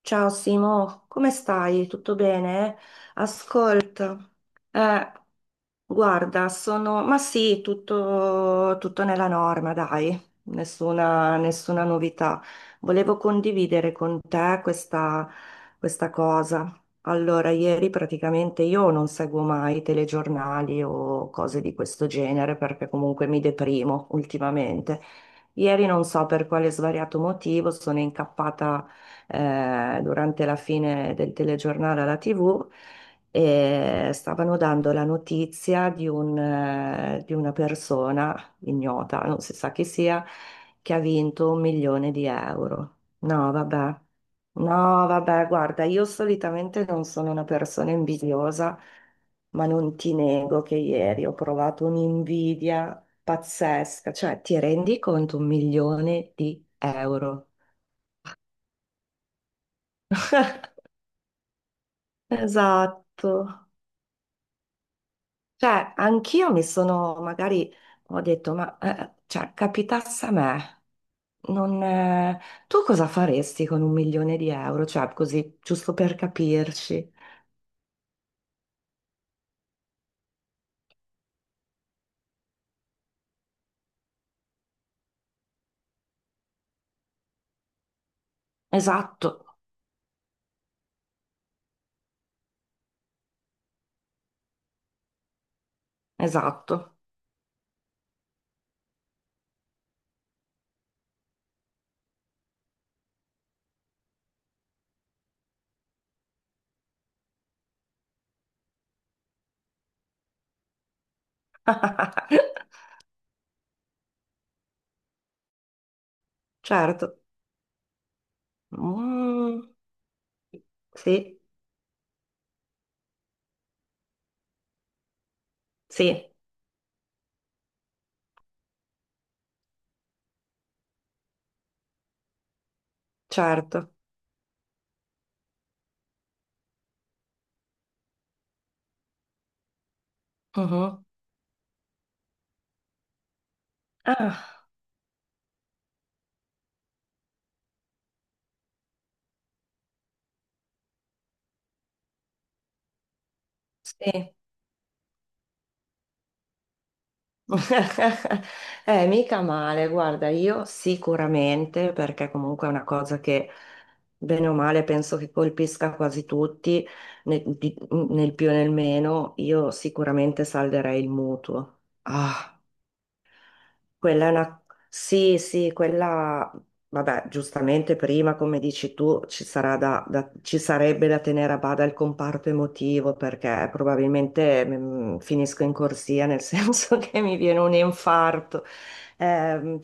Ciao Simo, come stai? Tutto bene? Ascolta, eh, guarda, ma sì, tutto nella norma, dai, nessuna novità. Volevo condividere con te questa cosa. Allora, ieri praticamente io non seguo mai telegiornali o cose di questo genere perché comunque mi deprimo ultimamente. Ieri non so per quale svariato motivo sono incappata durante la fine del telegiornale alla TV e stavano dando la notizia di una persona ignota, non si sa chi sia, che ha vinto 1 milione di euro. No, vabbè. No, vabbè, guarda, io solitamente non sono una persona invidiosa, ma non ti nego che ieri ho provato un'invidia pazzesca, cioè ti rendi conto 1 milione di euro? Esatto. Cioè, anch'io mi sono, magari ho detto, ma cioè, capitasse a me, non, tu cosa faresti con 1 milione di euro? Cioè, così, giusto per capirci. Esatto, esatto. Certo. Mm, sì, sì, certo. Mhm. Ah, sì. Mica male, guarda, io sicuramente, perché comunque è una cosa che bene o male penso che colpisca quasi tutti, nel, di- nel più e nel meno, io sicuramente salderei il mutuo. Ah. Quella è una... Sì, sì. Vabbè, giustamente prima, come dici tu, ci sarà ci sarebbe da tenere a bada il comparto emotivo perché probabilmente finisco in corsia, nel senso che mi viene un infarto. Ehm,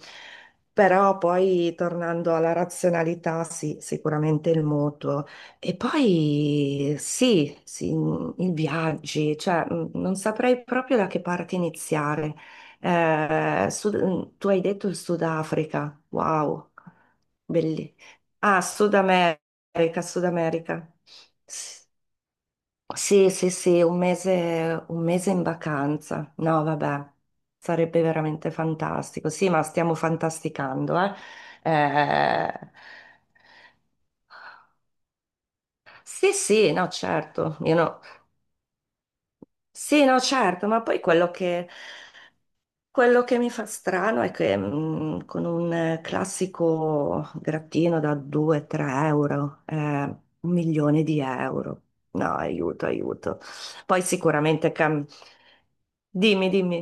Però poi, tornando alla razionalità, sì, sicuramente il mutuo. E poi sì, sì, i viaggi, cioè non saprei proprio da che parte iniziare. Tu hai detto il Sudafrica, wow, belli. Ah, Sud America, Sud America. S- Sì, sì, sì, un mese in vacanza. No, vabbè, sarebbe veramente fantastico. Sì, ma stiamo fantasticando, eh. Eh, sì, sì, no, certo. Io no. Sì, no, certo, ma poi quello che mi fa strano è che con un classico grattino da 2-3 euro, 1 milione di euro. No, aiuto, aiuto. Poi sicuramente cam- Dimmi, dimmi.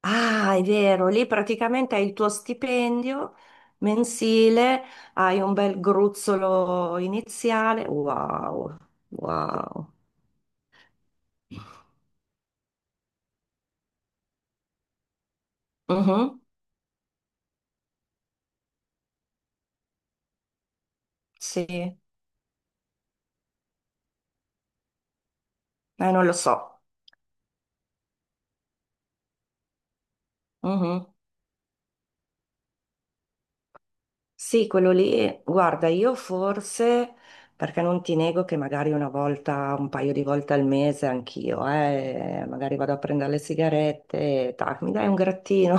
Ah, è vero, lì praticamente hai il tuo stipendio mensile, hai un bel gruzzolo iniziale. Wow, wow. Mhm. Sì, non lo so. Sì, quello lì, guarda, io forse, perché non ti nego che magari una volta, un paio di volte al mese anch'io, magari vado a prendere le sigarette, tac, mi dai un grattino,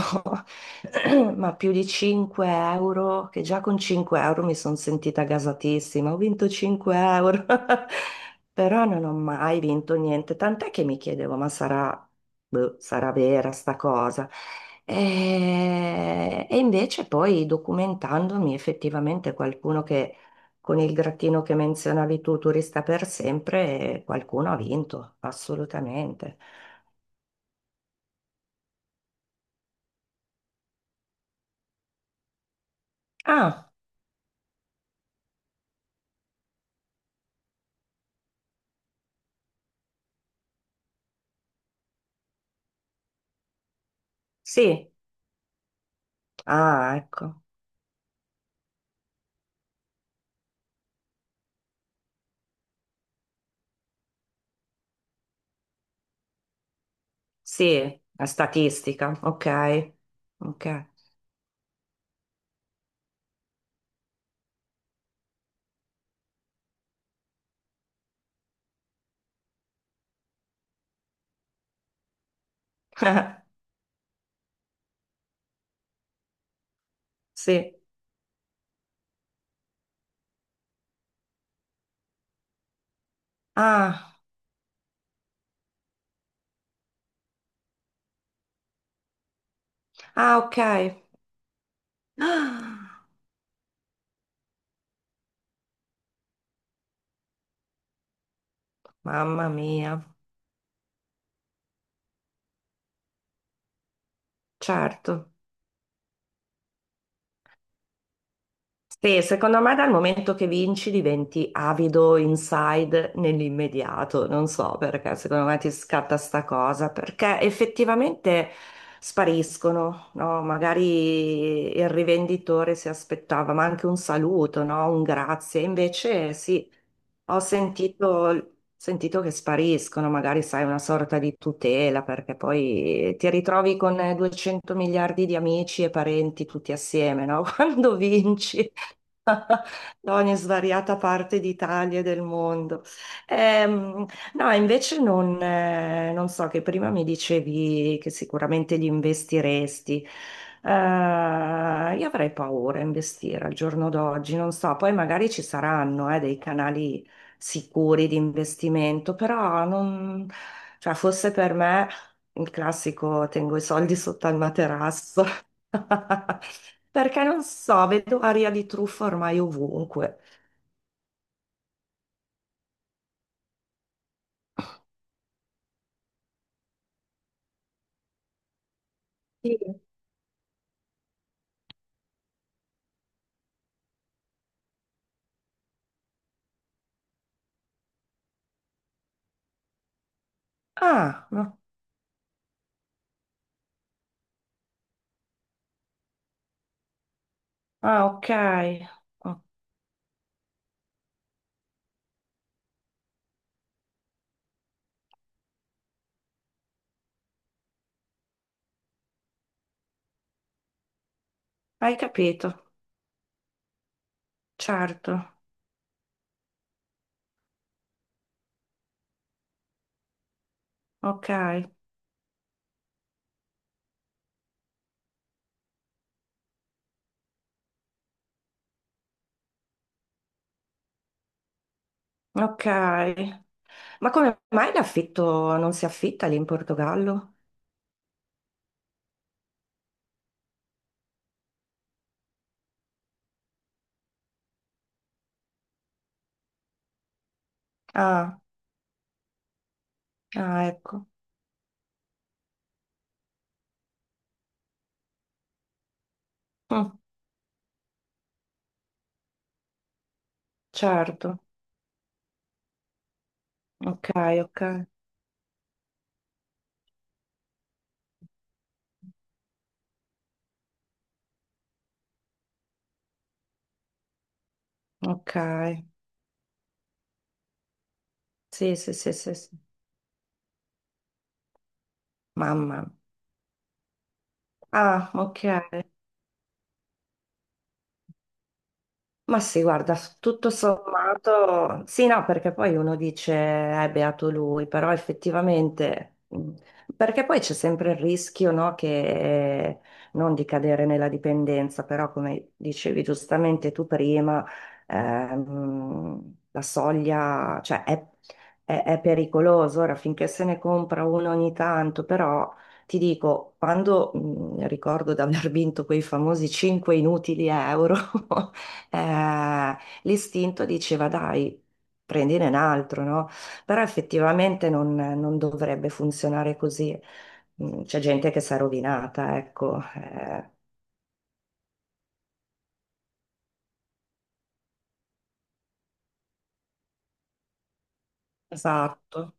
ma più di 5 euro, che già con 5 € mi sono sentita gasatissima, ho vinto 5 euro, però non ho mai vinto niente, tant'è che mi chiedevo, ma sarà boh, sarà vera sta cosa. E invece poi documentandomi effettivamente qualcuno che con il grattino che menzionavi tu, turista per sempre, qualcuno ha vinto, assolutamente. Ah, sì. Ah, ecco. Sì, la statistica, ok, ok. Sì, ah, ah, ok. Ah, mamma mia, certo. Sì, secondo me dal momento che vinci diventi avido inside nell'immediato, non so perché, secondo me ti scatta sta cosa, perché effettivamente spariscono, no? Magari il rivenditore si aspettava, ma anche un saluto, no? Un grazie, invece sì, ho sentito che spariscono, magari sai, una sorta di tutela, perché poi ti ritrovi con 200 miliardi di amici e parenti tutti assieme, no? Quando vinci da ogni svariata parte d'Italia e del mondo. Ehm, no, invece non so, che prima mi dicevi che sicuramente li investiresti. Eh, io avrei paura a investire al giorno d'oggi, non so, poi magari ci saranno, dei canali sicuri di investimento, però non, cioè, fosse per me il classico tengo i soldi sotto al materasso. Perché non so, vedo aria di truffa ormai ovunque. Sì. Ah, no. Ah, ok. Oh. Hai capito? Certo. Ok. Ok. Ma come mai l'affitto non si affitta lì in Portogallo? Ah. Ah, ecco. Mm, certo. Ok, ok. Ok. Sì, sì, sì, sì, sì. Mamma. Ah, ok. Ma sì, guarda, tutto sommato, sì, no, perché poi uno dice è beato lui, però effettivamente, perché poi c'è sempre il rischio, no, che non di cadere nella dipendenza, però come dicevi giustamente tu prima, la soglia, cioè è pericoloso, ora finché se ne compra uno ogni tanto, però ti dico, quando ricordo di aver vinto quei famosi 5 inutili euro. Eh, l'istinto diceva dai, prendine un altro, no? Però effettivamente non dovrebbe funzionare così. C'è gente che si è rovinata, ecco. Esatto.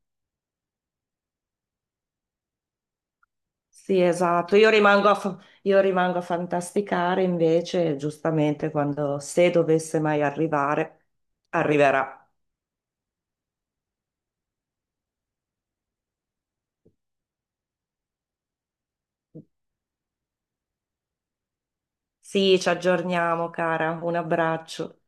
Sì, esatto. Io rimango a fantasticare invece, giustamente, quando se dovesse mai arrivare, arriverà. Sì, ci aggiorniamo, cara. Un abbraccio.